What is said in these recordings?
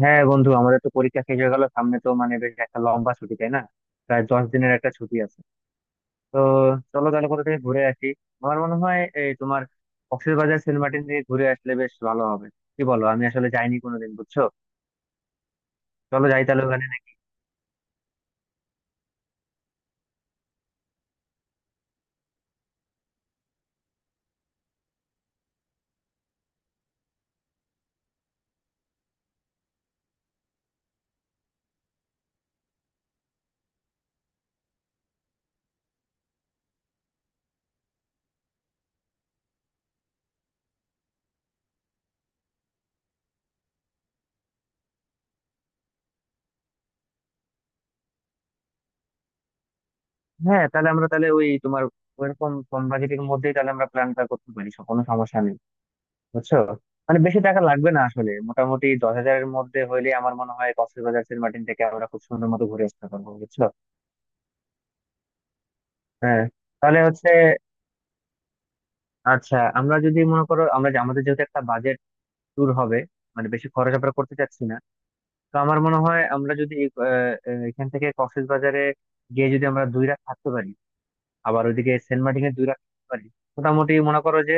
হ্যাঁ বন্ধু, আমাদের তো পরীক্ষা শেষ হয়ে গেল। সামনে তো বেশ একটা লম্বা ছুটি, তাই না? প্রায় 10 দিনের একটা ছুটি আছে। তো চলো তাহলে কোথা থেকে ঘুরে আসি। আমার মনে হয় এই তোমার কক্সবাজার, সেন্ট মার্টিন দিয়ে ঘুরে আসলে বেশ ভালো হবে, কি বলো? আমি আসলে যাইনি কোনোদিন, বুঝছো। চলো যাই তাহলে ওখানে। হ্যাঁ, তাহলে আমরা তাহলে ওই তোমার ওইরকম কম বাজেটের মধ্যেই তাহলে আমরা প্ল্যানটা করতে পারি, সব, কোনো সমস্যা নেই, বুঝছো। বেশি টাকা লাগবে না আসলে। মোটামুটি 10 হাজারের মধ্যে হইলে আমার মনে হয় কক্সবাজার, সেন্ট মার্টিন থেকে আমরা খুব সুন্দর মতো ঘুরে আসতে পারবো, বুঝছো। হ্যাঁ, তাহলে হচ্ছে, আচ্ছা, আমরা যদি মনে করো, আমরা আমাদের যেহেতু একটা বাজেট ট্যুর হবে, বেশি খরচ আমরা করতে চাচ্ছি না। তো আমার মনে হয় আমরা যদি আহ, আহ, এখান থেকে কক্সবাজারে গিয়ে যদি আমরা 2 রাত থাকতে পারি, আবার ওইদিকে সেন্ট মার্টিনে 2 রাত থাকতে পারি, মোটামুটি মনে করো যে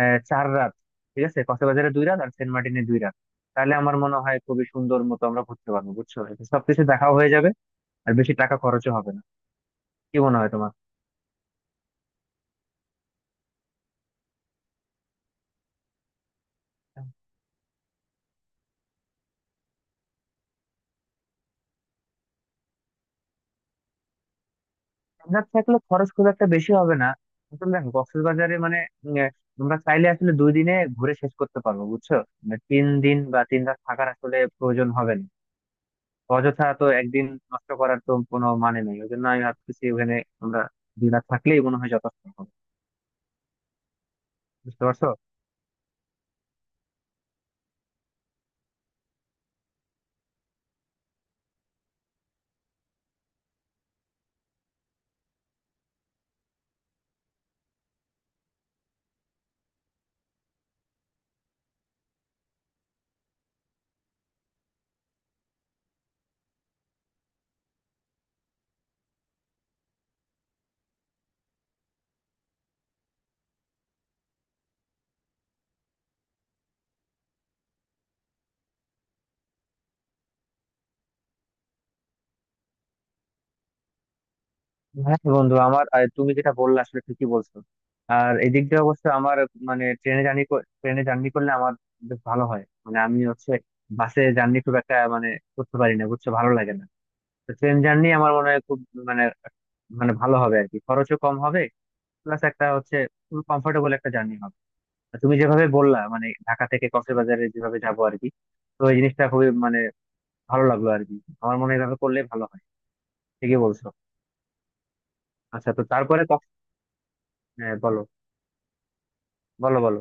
4 রাত। ঠিক আছে, কক্সবাজারে 2 রাত আর সেন্ট মার্টিনে 2 রাত। তাহলে আমার মনে হয় খুবই সুন্দর মতো আমরা ঘুরতে পারবো, বুঝছো। এতে সবকিছু দেখাও হয়ে যাবে আর বেশি টাকা খরচও হবে না। কি মনে হয় তোমার? আমরা থাকলে খরচ খুব একটা বেশি হবে না। আসলে দেখো, কক্সবাজারে উম, আহ, তোমরা চাইলে আসলে 2 দিনে ঘুরে শেষ করতে পারবো, বুঝছো। 3 দিন বা 3 রাত থাকার আসলে প্রয়োজন হবে না। অযথা তো একদিন নষ্ট করার তো কোনো মানে নেই। ওই জন্য আমি ভাবতেছি ওখানে আমরা 2 রাত থাকলেই মনে হয় যথেষ্ট হবে। বুঝতে পারছো? হ্যাঁ বন্ধু, আমার তুমি যেটা বললে আসলে ঠিকই বলছো। আর এদিক দিয়ে অবশ্য আমার, মানে ট্রেনে জার্নি ট্রেনে জার্নি করলে আমার বেশ ভালো হয়। আমি হচ্ছে বাসে জার্নি খুব একটা করতে পারি না, বুঝছো, ভালো লাগে না। তো ট্রেন জার্নি আমার মনে হয় খুব মানে মানে ভালো হবে আর কি, খরচও কম হবে। প্লাস একটা হচ্ছে, খুব কমফোর্টেবল একটা জার্নি হবে। আর তুমি যেভাবে বললা, ঢাকা থেকে কক্সবাজারে যেভাবে যাবো আর কি, তো এই জিনিসটা খুবই ভালো লাগলো আর কি। আমার মনে হয় এভাবে করলে ভালো হয়, ঠিকই বলছো। আচ্ছা, তো তারপরে হ্যাঁ বলো, বলো, বলো।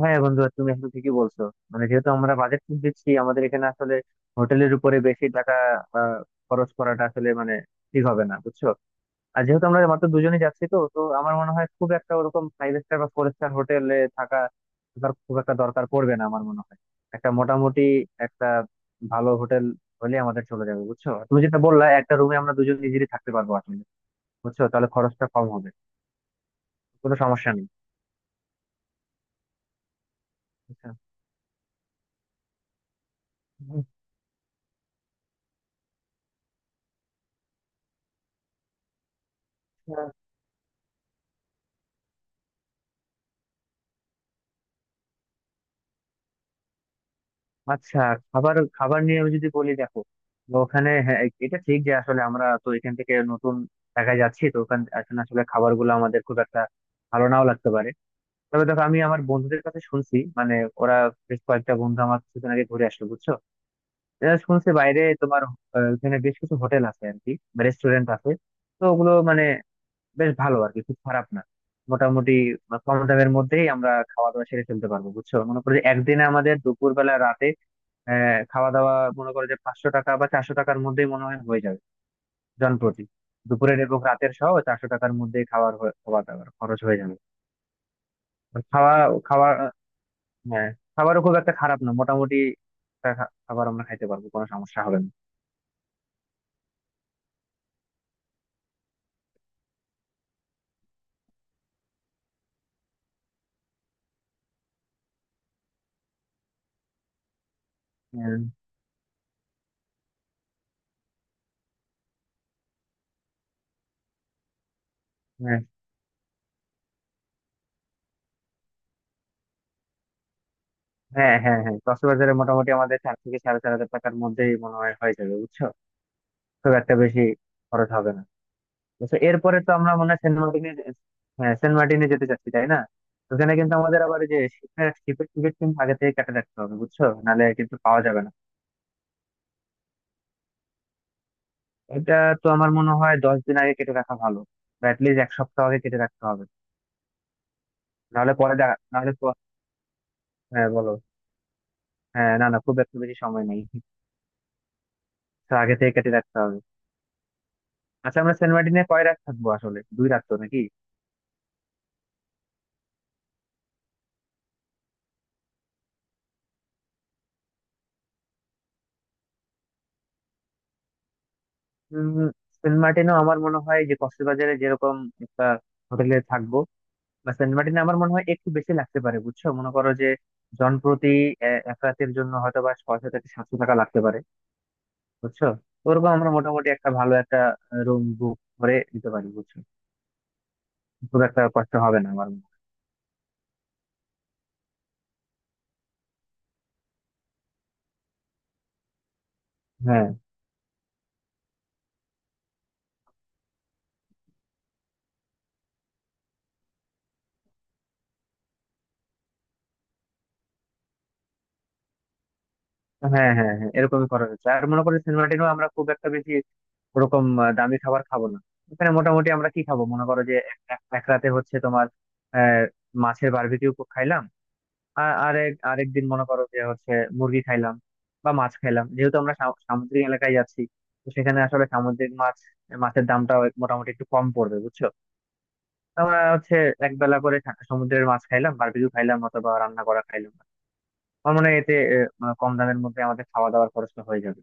হ্যাঁ বন্ধু, তুমি এখন ঠিকই বলছো। যেহেতু আমরা বাজেট দিচ্ছি, আমাদের এখানে আসলে হোটেলের উপরে বেশি টাকা আহ, খরচ করাটা আসলে ঠিক হবে না, বুঝছো। আর যেহেতু আমরা মাত্র দুজনেই যাচ্ছি, তো তো আমার মনে হয় খুব একটা ওরকম ফাইভ স্টার বা ফোর স্টার হোটেলে থাকা থাকার খুব একটা দরকার পড়বে না আমার মনে হয়। একটা মোটামুটি একটা ভালো হোটেল হলে আমাদের চলে যাবে, বুঝছো। আর তুমি যেটা বললা, একটা রুমে আমরা দুজন ইজিলি থাকতে পারবো আসলে, বুঝছো। তাহলে খরচটা কম হবে, কোনো সমস্যা নেই। আচ্ছা আচ্ছা আচ্ছা, খাবার খাবার নিয়ে আমি যদি বলি, দেখো, তো ওখানে, হ্যাঁ, এটা ঠিক যে আসলে আমরা তো এখান থেকে নতুন জায়গায় যাচ্ছি, তো ওখানে আসলে খাবার গুলো আমাদের খুব একটা ভালো নাও লাগতে পারে। তবে দেখো, আমি আমার বন্ধুদের কাছে শুনছি, ওরা বেশ কয়েকটা বন্ধু আমার কিছুদিন আগে ঘুরে আসলো, বুঝছো। এরা শুনছি বাইরে তোমার ওখানে বেশ কিছু হোটেল আছে আর কি, রেস্টুরেন্ট আছে। তো ওগুলো বেশ ভালো আর কি, খুব খারাপ না। মোটামুটি কম দামের মধ্যেই আমরা খাওয়া দাওয়া সেরে ফেলতে পারবো, বুঝছো। মনে করো যে একদিনে আমাদের দুপুর বেলা, রাতে খাওয়া দাওয়া, মনে করো যে 500 টাকা বা 400 টাকার মধ্যেই মনে হয় হয়ে যাবে। জনপ্রতি দুপুরের এবং রাতের সহ 400 টাকার মধ্যে খাওয়া দাওয়ার খরচ হয়ে যাবে। আর খাওয়া খাওয়া হ্যাঁ, খাবারও খুব একটা খারাপ না। মোটামুটি একটা খাবার আমরা খাইতে পারবো, কোনো সমস্যা হবে না। হ্যাঁ হ্যাঁ হ্যাঁ হ্যাঁ হ্যাঁ কক্সবাজারে মোটামুটি আমাদের 4 থেকে সাড়ে 4 হাজার টাকার মধ্যেই মনে হয় হয়ে যাবে, বুঝছো। খুব একটা বেশি খরচ হবে না, বুঝছো। এরপরে তো আমরা মনে হয় সেন্ট মার্টিনে, হ্যাঁ, সেন্ট মার্টিনে যেতে চাচ্ছি তাই না। ওখানে কিন্তু আমাদের আবার এই যে শিপের শিপের টিকিট কিন্তু আগে থেকে কেটে রাখতে হবে, বুঝছো, নাহলে কিন্তু পাওয়া যাবে না। এটা তো আমার মনে হয় 10 দিন আগে কেটে রাখা ভালো, বা লিস্ট এক সপ্তাহ আগে কেটে রাখতে হবে। নাহলে পরে দেখা হ্যাঁ বলো। হ্যাঁ, না না, খুব একটা বেশি সময় নেই, তো আগে থেকে কেটে রাখতে হবে। আচ্ছা, আমরা সেন্ট মার্টিনে কয় রাত থাকবো আসলে, 2 রাত তো নাকি? উম, সেন্ট মার্টিনও আমার মনে হয় যে কক্সবাজারে যেরকম একটা হোটেলে থাকবো, বা সেন্ট মার্টিনে আমার মনে হয় একটু বেশি লাগতে পারে, বুঝছো। মনে করো যে জনপ্রতি এক রাতের জন্য হয়তো বা 600 থেকে 700 টাকা লাগতে পারে, বুঝছো। ওরকম আমরা মোটামুটি একটা ভালো একটা রুম বুক করে দিতে পারি, বুঝছো। খুব একটা কষ্ট হবে না আমার মনে হয়। হ্যাঁ হ্যাঁ হ্যাঁ হ্যাঁ এরকমই করা হচ্ছে। আর মনে করি সেন্ট মার্টিনও আমরা খুব একটা বেশি ওরকম দামি খাবার খাবো না। ওখানে মোটামুটি আমরা কি খাবো, মনে করো যে এক এক- এক রাতে হচ্ছে তোমার আহ, মাছের বারবিকিউ খাইলাম। আর আরেকদিন মনে করো যে হচ্ছে মুরগি খাইলাম বা মাছ খাইলাম, যেহেতু আমরা সামুদ্রিক এলাকায় যাচ্ছি। তো সেখানে আসলে সামুদ্রিক মাছ, দামটা মোটামুটি একটু কম পড়বে, বুঝছো। তো আমরা হচ্ছে এক বেলা করে সমুদ্রের মাছ খাইলাম, বারবিকিউ খাইলাম, অথবা রান্না করা খাইলাম। আমার মনে হয় এতে আহ, মানে কম দামের মধ্যে আমাদের খাওয়া দাওয়ার খরচটা হয়ে যাবে।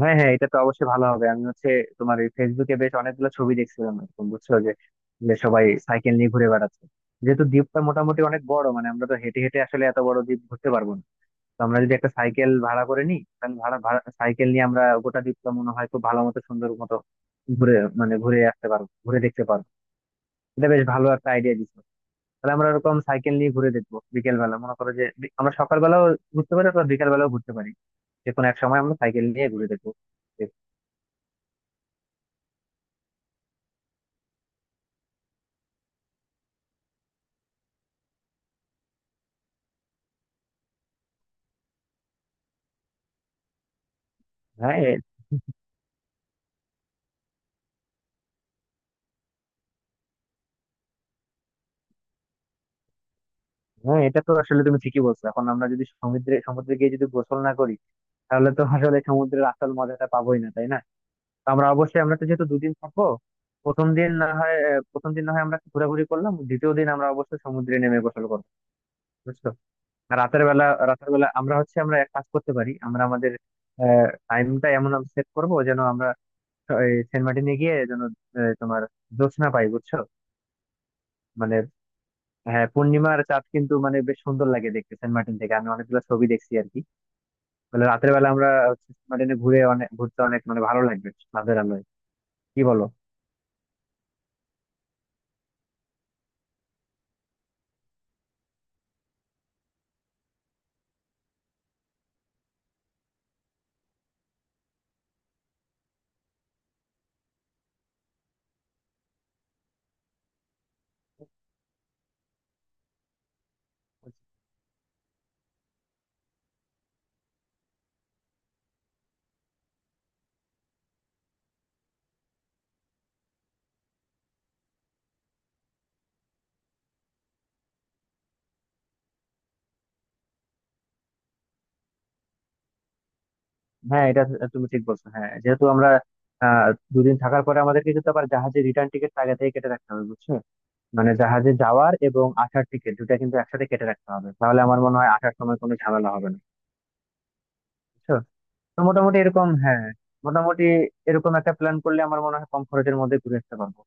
হ্যাঁ হ্যাঁ, এটা তো অবশ্যই ভালো হবে। আমি হচ্ছে তোমার এই ফেসবুকে বেশ অনেকগুলো ছবি দেখছিলাম এরকম, বুঝছো, যে যে সবাই সাইকেল নিয়ে ঘুরে বেড়াচ্ছে। যেহেতু দ্বীপটা মোটামুটি অনেক বড়, আমরা তো হেঁটে হেঁটে আসলে এত বড় দ্বীপ ঘুরতে পারবো না। তো আমরা যদি একটা সাইকেল ভাড়া করে নিই, তাহলে ভাড়া ভাড়া সাইকেল নিয়ে আমরা গোটা দ্বীপটা মনে হয় খুব ভালো মতো, সুন্দর মতো ঘুরে ঘুরে আসতে পারবো, ঘুরে দেখতে পারবো। এটা বেশ ভালো একটা আইডিয়া দিচ্ছ। তাহলে আমরা এরকম সাইকেল নিয়ে ঘুরে দেখবো। বিকেল বেলা, মনে করো যে আমরা সকাল বেলাও ঘুরতে পারি অথবা বিকেল বেলাও ঘুরতে পারি, যে কোনো এক সময় আমরা সাইকেল নিয়ে ঘুরে দেখবো। হ্যাঁ হ্যাঁ, এটা তো আসলে তুমি ঠিকই বলছো। এখন আমরা যদি সমুদ্রে সমুদ্রে গিয়ে যদি গোসল না করি, তাহলে তো আসলে সমুদ্রের আসল মজাটা পাবোই না তাই না। তো আমরা অবশ্যই, আমরা তো যেহেতু দুদিন থাকবো, প্রথম দিন না হয় আমরা একটু ঘোরাঘুরি করলাম, দ্বিতীয় দিন আমরা অবশ্যই সমুদ্রে নেমে গোসল করবো, বুঝছো। আর রাতের বেলা আমরা হচ্ছে আমরা এক কাজ করতে পারি, আমরা আমাদের টাইমটা এমন সেট করবো যেন আমরা এই সেন্ট মার্টিনে গিয়ে যেন তোমার জ্যোৎস্না পাই, বুঝছো। মানে হ্যাঁ, পূর্ণিমার চাঁদ কিন্তু বেশ সুন্দর লাগে দেখতে সেন্ট মার্টিন থেকে, আমি অনেকগুলো ছবি দেখছি আর কি। রাতের বেলা আমরা হচ্ছে মার্টিনে ঘুরে, অনেক ঘুরতে, অনেক ভালো লাগবে রাতের আলোয়, কি বলো। হ্যাঁ, এটা তুমি ঠিক বলছো। হ্যাঁ, যেহেতু আমরা আহ দুদিন থাকার পরে আমাদেরকে কিন্তু আবার জাহাজে রিটার্ন টিকিট আগে থেকে কেটে রাখতে হবে, বুঝছো। জাহাজে যাওয়ার এবং আসার টিকিট দুটা কিন্তু একসাথে কেটে রাখতে হবে, তাহলে আমার মনে হয় আসার সময় কোনো ঝামেলা হবে না, বুঝছো। তো মোটামুটি এরকম, হ্যাঁ, মোটামুটি এরকম একটা প্ল্যান করলে আমার মনে হয় কম খরচের মধ্যে ঘুরে আসতে পারবো।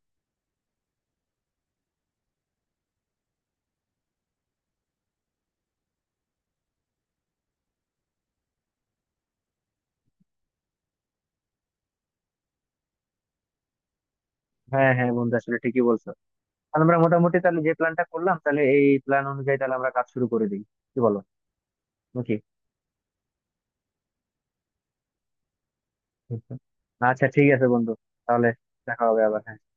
হ্যাঁ হ্যাঁ বন্ধু, আসলে ঠিকই বলছো। তাহলে আমরা মোটামুটি তাহলে যে প্ল্যানটা করলাম, তাহলে এই প্ল্যান অনুযায়ী তাহলে আমরা কাজ শুরু করে দিই, কি বলো, নাকি? আচ্ছা ঠিক আছে বন্ধু, তাহলে দেখা হবে আবার।